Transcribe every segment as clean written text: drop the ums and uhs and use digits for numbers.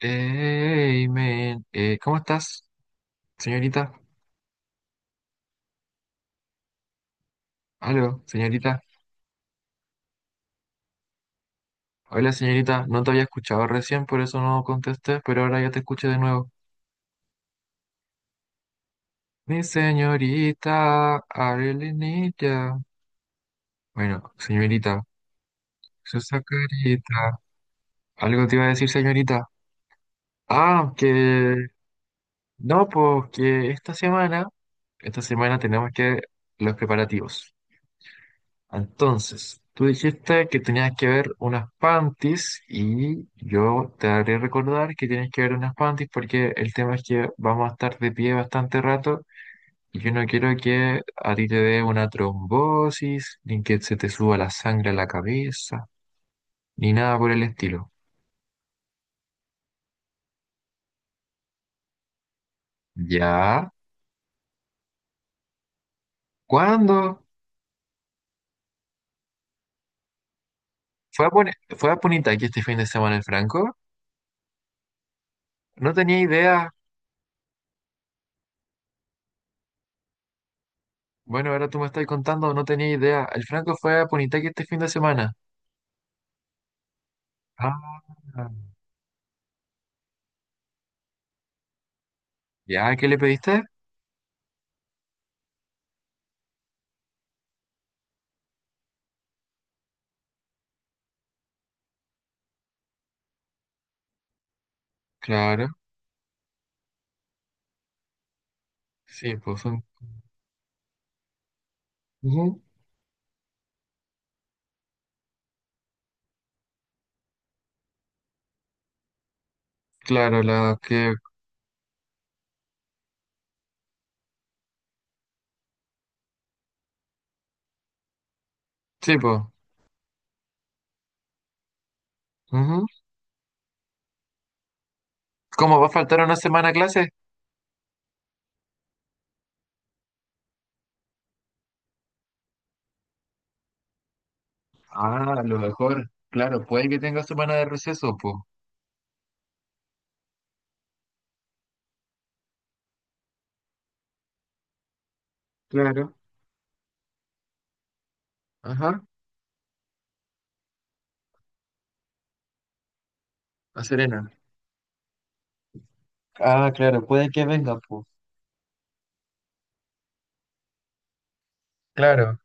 Hey, men, ¿cómo estás, señorita? Aló, señorita. Hola, señorita. No te había escuchado recién, por eso no contesté, pero ahora ya te escuché de nuevo. Mi señorita, I really need ya. Bueno, señorita, su carita. Algo te iba a decir, señorita. Ah, que... No, pues que esta semana tenemos que los preparativos. Entonces, tú dijiste que tenías que ver unas panties y yo te haré recordar que tienes que ver unas panties porque el tema es que vamos a estar de pie bastante rato y yo no quiero que a ti te dé una trombosis, ni que se te suba la sangre a la cabeza, ni nada por el estilo. ¿Ya? ¿Cuándo? ¿Fue a, fue a Punita aquí este fin de semana el Franco? No tenía idea. Bueno, ahora tú me estás contando, no tenía idea. El Franco fue a Punitaqui este fin de semana. Ah. ¿Ya? ¿Qué le pediste? Claro, sí, pues son... Ujú. Claro, la que... Sí, pues... Ujú. ¿Cómo va a faltar una semana a clase? Ah, a lo mejor. Claro, puede que tenga semana de receso, pues. Claro. Ajá, a Serena. Ah, claro, puede que venga, pues. Claro,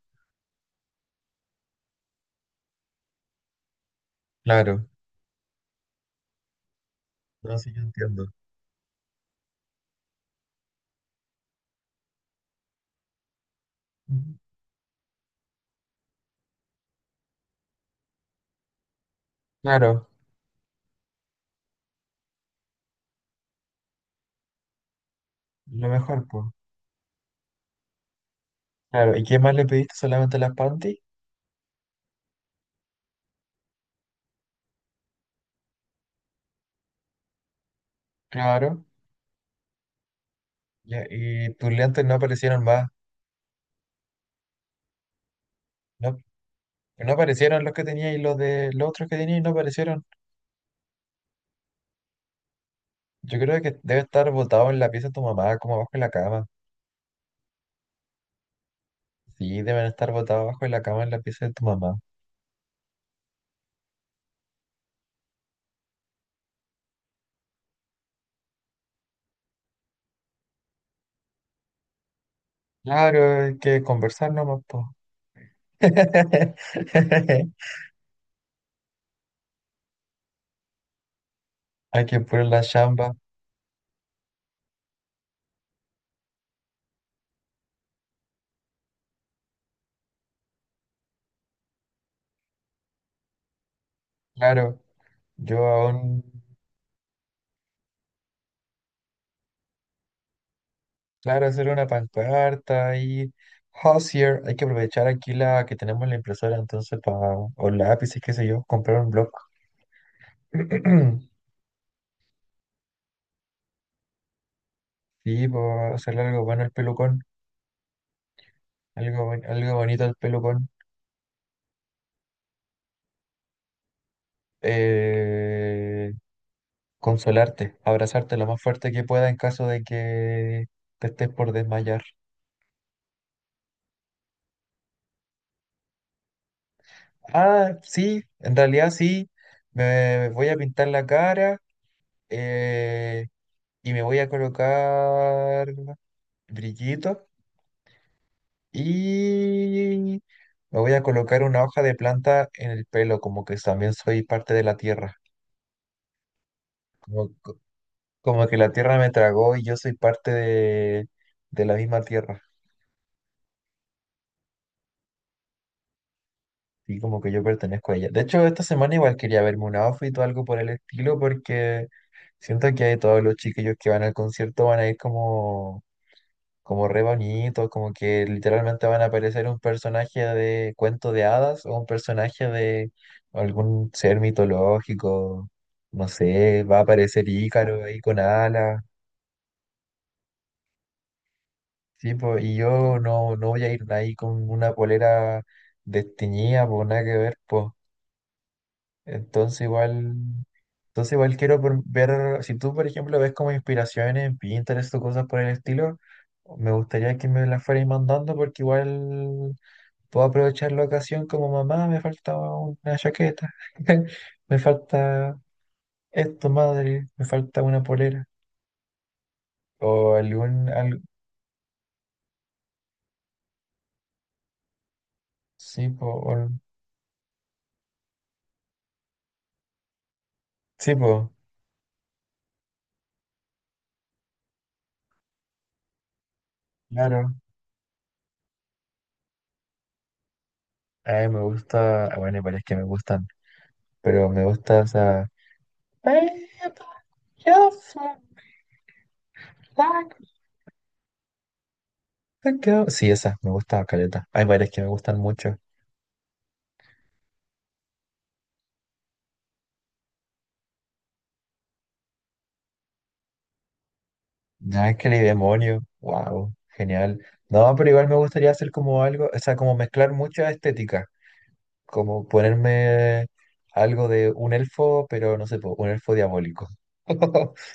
claro. No, sí, yo entiendo. Ujú. Claro, lo mejor, pues. Claro, ¿y qué más le pediste? ¿Solamente las panties? Claro. Ya, ¿y tus lentes no aparecieron más? No, no aparecieron los que tenía y los de los otros que tenía y no aparecieron. Yo creo que debe estar botado en la pieza de tu mamá, como abajo en la cama. Sí, deben estar botados abajo en la cama en la pieza de tu mamá. Claro, hay que conversar nomás, po. Hay que poner la chamba. Claro, yo aún, claro, hacer una pancarta y Hozier. Hay que aprovechar aquí la que tenemos la impresora, entonces, para, o lápices, qué sé yo, comprar un bloc. Sí, para hacerle algo bueno al pelucón. Algo, algo bonito al pelucón. Eh, Consolarte, abrazarte lo más fuerte que pueda en caso de que te estés por desmayar. Ah, sí, en realidad sí. Me voy a pintar la cara, eh, y me voy a colocar brillitos y me voy a colocar una hoja de planta en el pelo, como que también soy parte de la tierra. Como, co- como que la tierra me tragó y yo soy parte de la misma tierra. Sí, como que yo pertenezco a ella. De hecho, esta semana igual quería verme un outfit o algo por el estilo porque siento que todos los chiquillos que van al concierto van a ir como, como re bonitos, como que literalmente van a aparecer un personaje de cuento de hadas o un personaje de algún ser mitológico, no sé, va a aparecer Ícaro ahí con alas. Sí, po, y yo no, no voy a ir ahí con una polera desteñida, por nada que ver, pues. Entonces igual, entonces igual quiero ver, si tú por ejemplo ves como inspiraciones en Pinterest o cosas por el estilo, me gustaría que me las fueras mandando porque igual puedo aprovechar la ocasión como mamá, me falta una chaqueta, me falta esto, madre, me falta una polera o algún, sí, po, sí, po, claro. A me gusta, ah, bueno, parece que me gustan, pero me gusta esa... Sí, esa, me gusta caleta. Hay varias que me gustan mucho. Ángel y Demonio, wow, genial. No, pero igual me gustaría hacer como algo, o sea, como mezclar mucha estética, como ponerme algo de un elfo, pero no sé, po, un elfo diabólico.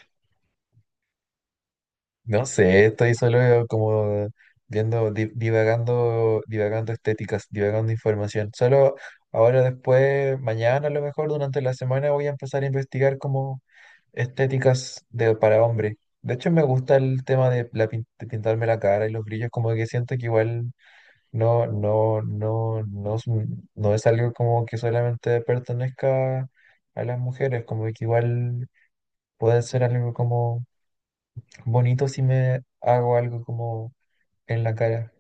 No sé, estoy solo como viendo, divagando, divagando estéticas, divagando información. Solo ahora después, mañana a lo mejor, durante la semana voy a empezar a investigar como estéticas de, para hombre. De hecho, me gusta el tema de, la, de pintarme la cara y los brillos, como que siento que igual no, es no es algo como que solamente pertenezca a las mujeres, como que igual puede ser algo como bonito si me hago algo como en la cara.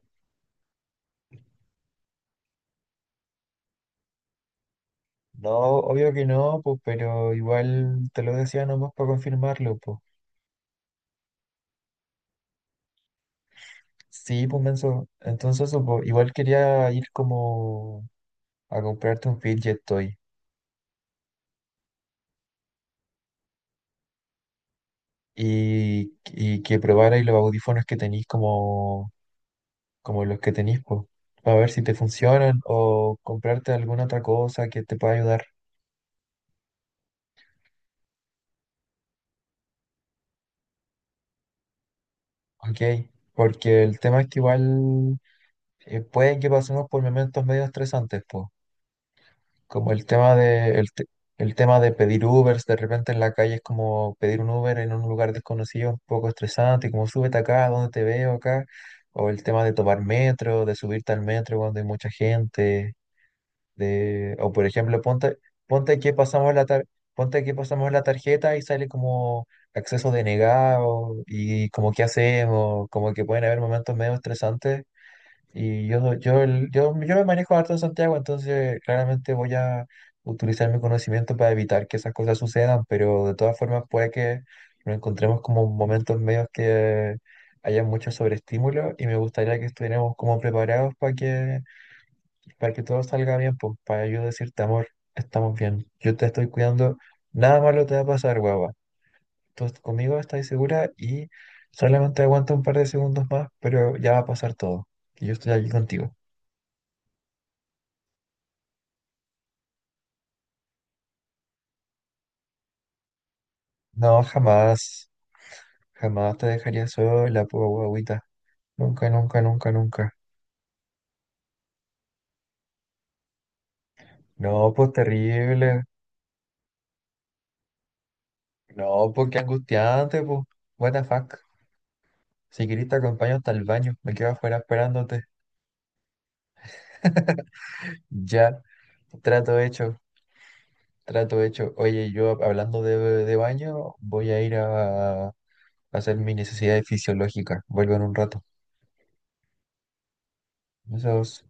No, obvio que no, pues, pero igual te lo decía nomás para confirmarlo, pues. Sí, pues, menso. Entonces, eso, pues, igual quería ir como a comprarte un fidget toy y que probarais los audífonos que tenéis como, como los que tenéis, pues, para ver si te funcionan o comprarte alguna otra cosa que te pueda ayudar. Ok, porque el tema es que igual pueden que pasemos por momentos medio estresantes, pues. Como el tema de, el, el tema de pedir Ubers, de repente en la calle es como pedir un Uber en un lugar desconocido, un poco estresante, como súbete acá, ¿dónde te veo acá? O el tema de tomar metro, de subirte al metro cuando hay mucha gente, de, o por ejemplo, ponte, ponte que pasamos la tar- ponte que pasamos la tarjeta y sale como acceso denegado y como qué hacemos, como que pueden haber momentos medio estresantes y yo me manejo harto en Santiago, entonces claramente voy a utilizar mi conocimiento para evitar que esas cosas sucedan, pero de todas formas puede que nos encontremos como momentos medios que haya mucho sobreestímulo y me gustaría que estuviéramos como preparados para que todo salga bien, pues para yo decirte, amor, estamos bien, yo te estoy cuidando, nada malo te va a pasar, guava. Conmigo estás segura y solamente aguanta un par de segundos más, pero ya va a pasar todo. Y yo estoy aquí contigo. No, jamás, jamás te dejaría sola, po, guagüita. Nunca, nunca, nunca, nunca. No, pues terrible. No, pues qué angustiante, pues. What the fuck. Si querés te acompaño hasta el baño. Me quedo afuera esperándote. Ya, trato hecho, trato hecho. Oye, yo hablando de baño, voy a ir a hacer mis necesidades fisiológicas. Vuelvo en un rato. Besos.